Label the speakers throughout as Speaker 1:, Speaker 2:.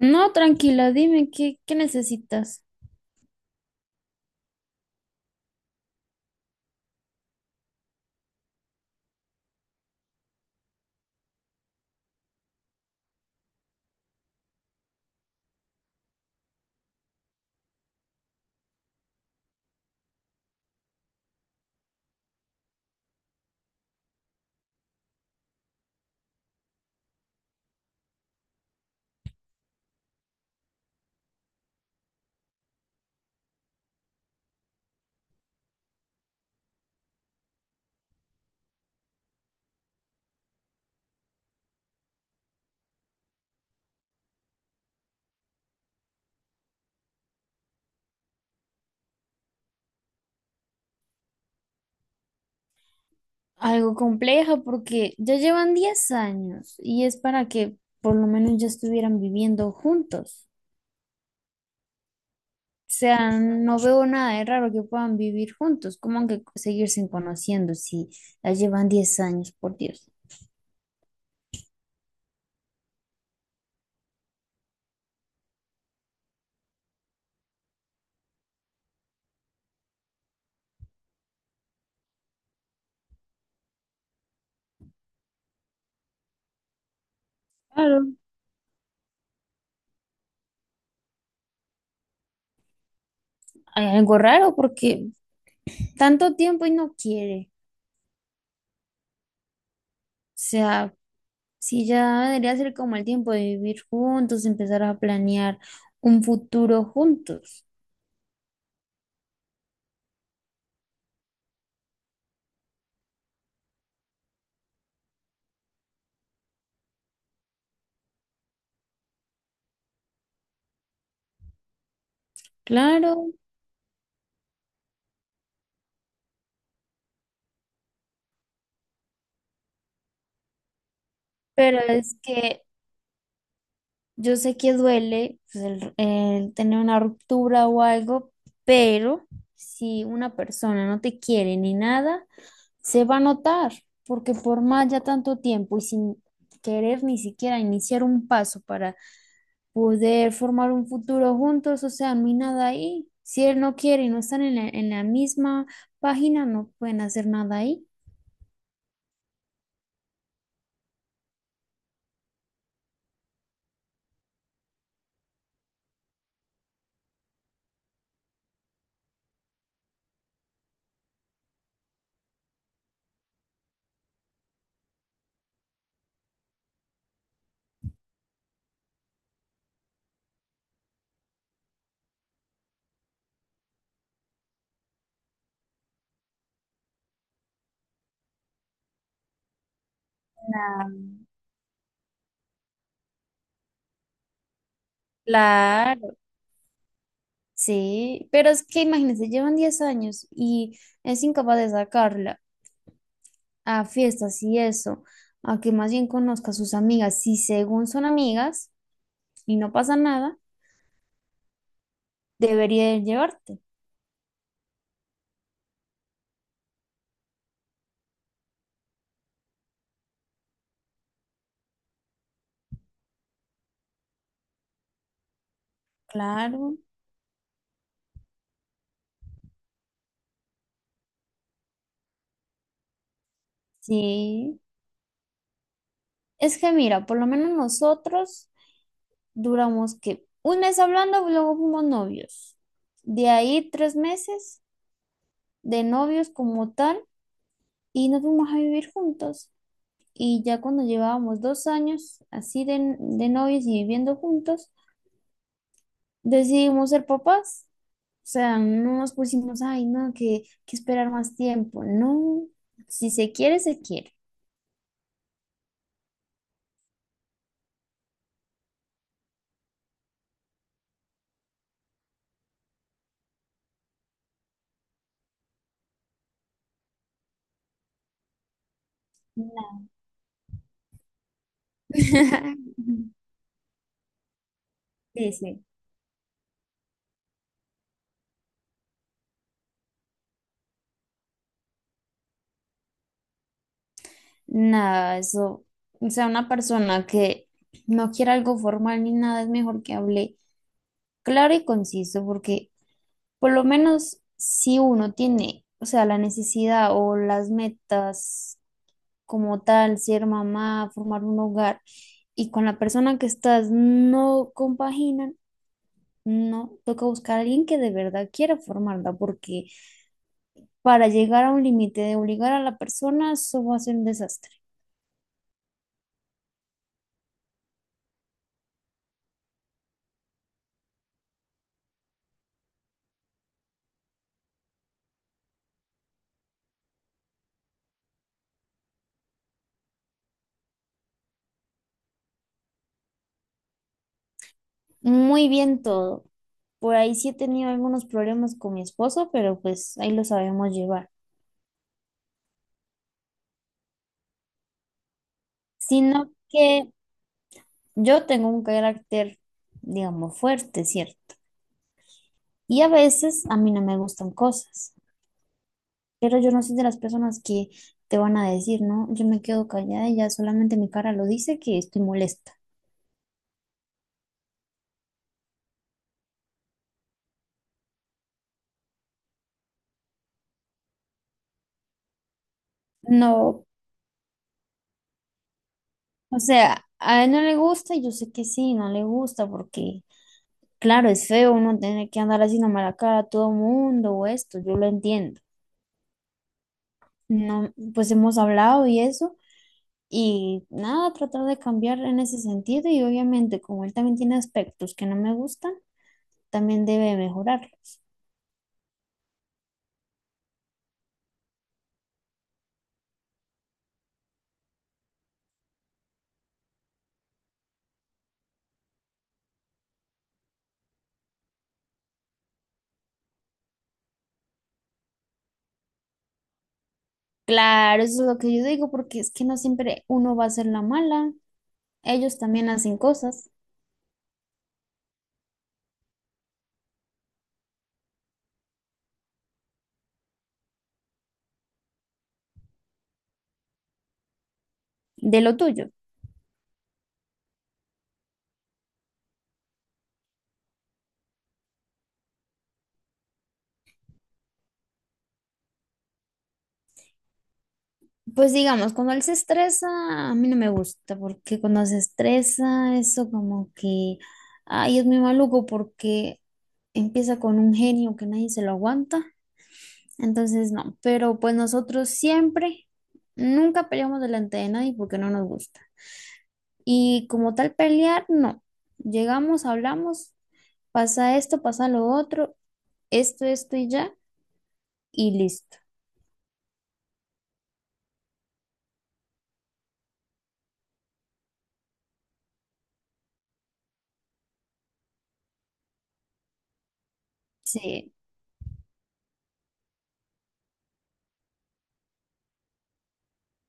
Speaker 1: No, tranquila, dime qué necesitas. Algo complejo porque ya llevan 10 años y es para que por lo menos ya estuvieran viviendo juntos. O sea, no veo nada de raro que puedan vivir juntos. ¿Cómo que seguirse conociendo si ya llevan 10 años, por Dios? Claro. Hay algo raro porque tanto tiempo y no quiere. O sea, si ya debería ser como el tiempo de vivir juntos, empezar a planear un futuro juntos. Claro. Pero es que yo sé que duele pues, el tener una ruptura o algo, pero si una persona no te quiere ni nada, se va a notar, porque por más ya tanto tiempo y sin querer ni siquiera iniciar un paso para poder formar un futuro juntos, o sea, no hay nada ahí. Si él no quiere y no están en la misma página, no pueden hacer nada ahí. Claro. Sí, pero es que imagínense, llevan 10 años y es incapaz de sacarla a fiestas y eso, a que más bien conozca a sus amigas. Si según son amigas y no pasa nada, debería de llevarte. Claro, sí. Es que mira, por lo menos nosotros duramos que un mes hablando, luego fuimos novios. De ahí 3 meses de novios como tal y nos fuimos a vivir juntos. Y ya cuando llevábamos 2 años así de novios y viviendo juntos, decidimos ser papás. O sea, no nos pusimos, ay, no, que esperar más tiempo. No, si se quiere, se quiere. Nada. Sí, sí. Nada, eso. O sea, una persona que no quiera algo formal ni nada, es mejor que hable claro y conciso, porque por lo menos si uno tiene, o sea, la necesidad o las metas como tal, ser mamá, formar un hogar, y con la persona que estás no compaginan, no, toca buscar a alguien que de verdad quiera formarla, porque para llegar a un límite de obligar a la persona, eso va a ser un desastre. Muy bien todo. Por ahí sí he tenido algunos problemas con mi esposo, pero pues ahí lo sabemos llevar. Sino que yo tengo un carácter, digamos, fuerte, ¿cierto? Y a veces a mí no me gustan cosas. Pero yo no soy de las personas que te van a decir, ¿no? Yo me quedo callada y ya solamente mi cara lo dice que estoy molesta. No, o sea, a él no le gusta y yo sé que sí, no le gusta porque, claro, es feo uno tener que andar haciendo mala cara a todo mundo o esto, yo lo entiendo. No, pues hemos hablado y eso. Y nada, tratar de cambiar en ese sentido y obviamente como él también tiene aspectos que no me gustan, también debe mejorar. Claro, eso es lo que yo digo, porque es que no siempre uno va a ser la mala. Ellos también hacen cosas de lo tuyo. Pues digamos, cuando él se estresa, a mí no me gusta, porque cuando se estresa, eso como que, ay, es muy maluco porque empieza con un genio que nadie se lo aguanta. Entonces, no, pero pues nosotros siempre, nunca peleamos delante de nadie porque no nos gusta. Y como tal pelear, no. Llegamos, hablamos, pasa esto, pasa lo otro esto, esto y ya, y listo. Sí,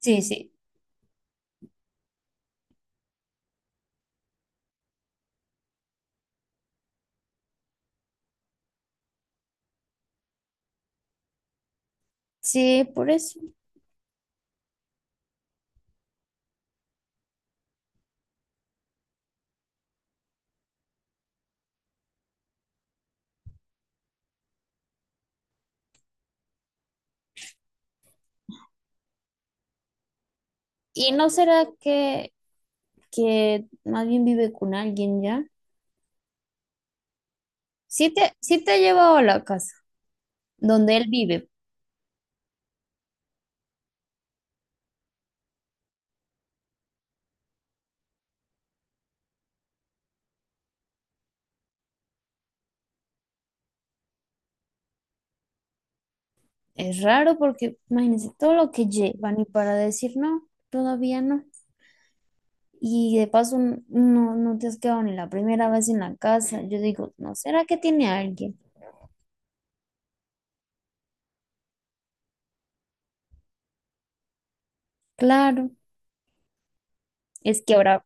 Speaker 1: sí, sí, sí, por eso. ¿Y no será que más bien vive con alguien ya? Sí te ha llevado a la casa donde él vive. Es raro porque imagínense todo lo que llevan y para decir no, todavía no. Y de paso no te has quedado ni la primera vez en la casa. Yo digo, ¿no será que tiene a alguien? Claro, es que ahora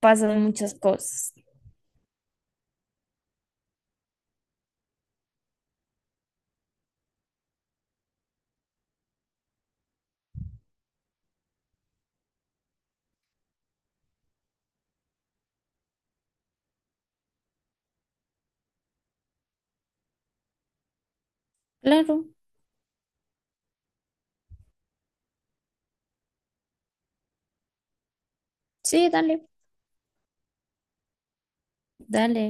Speaker 1: pasan muchas cosas. Claro, sí, dale, dale.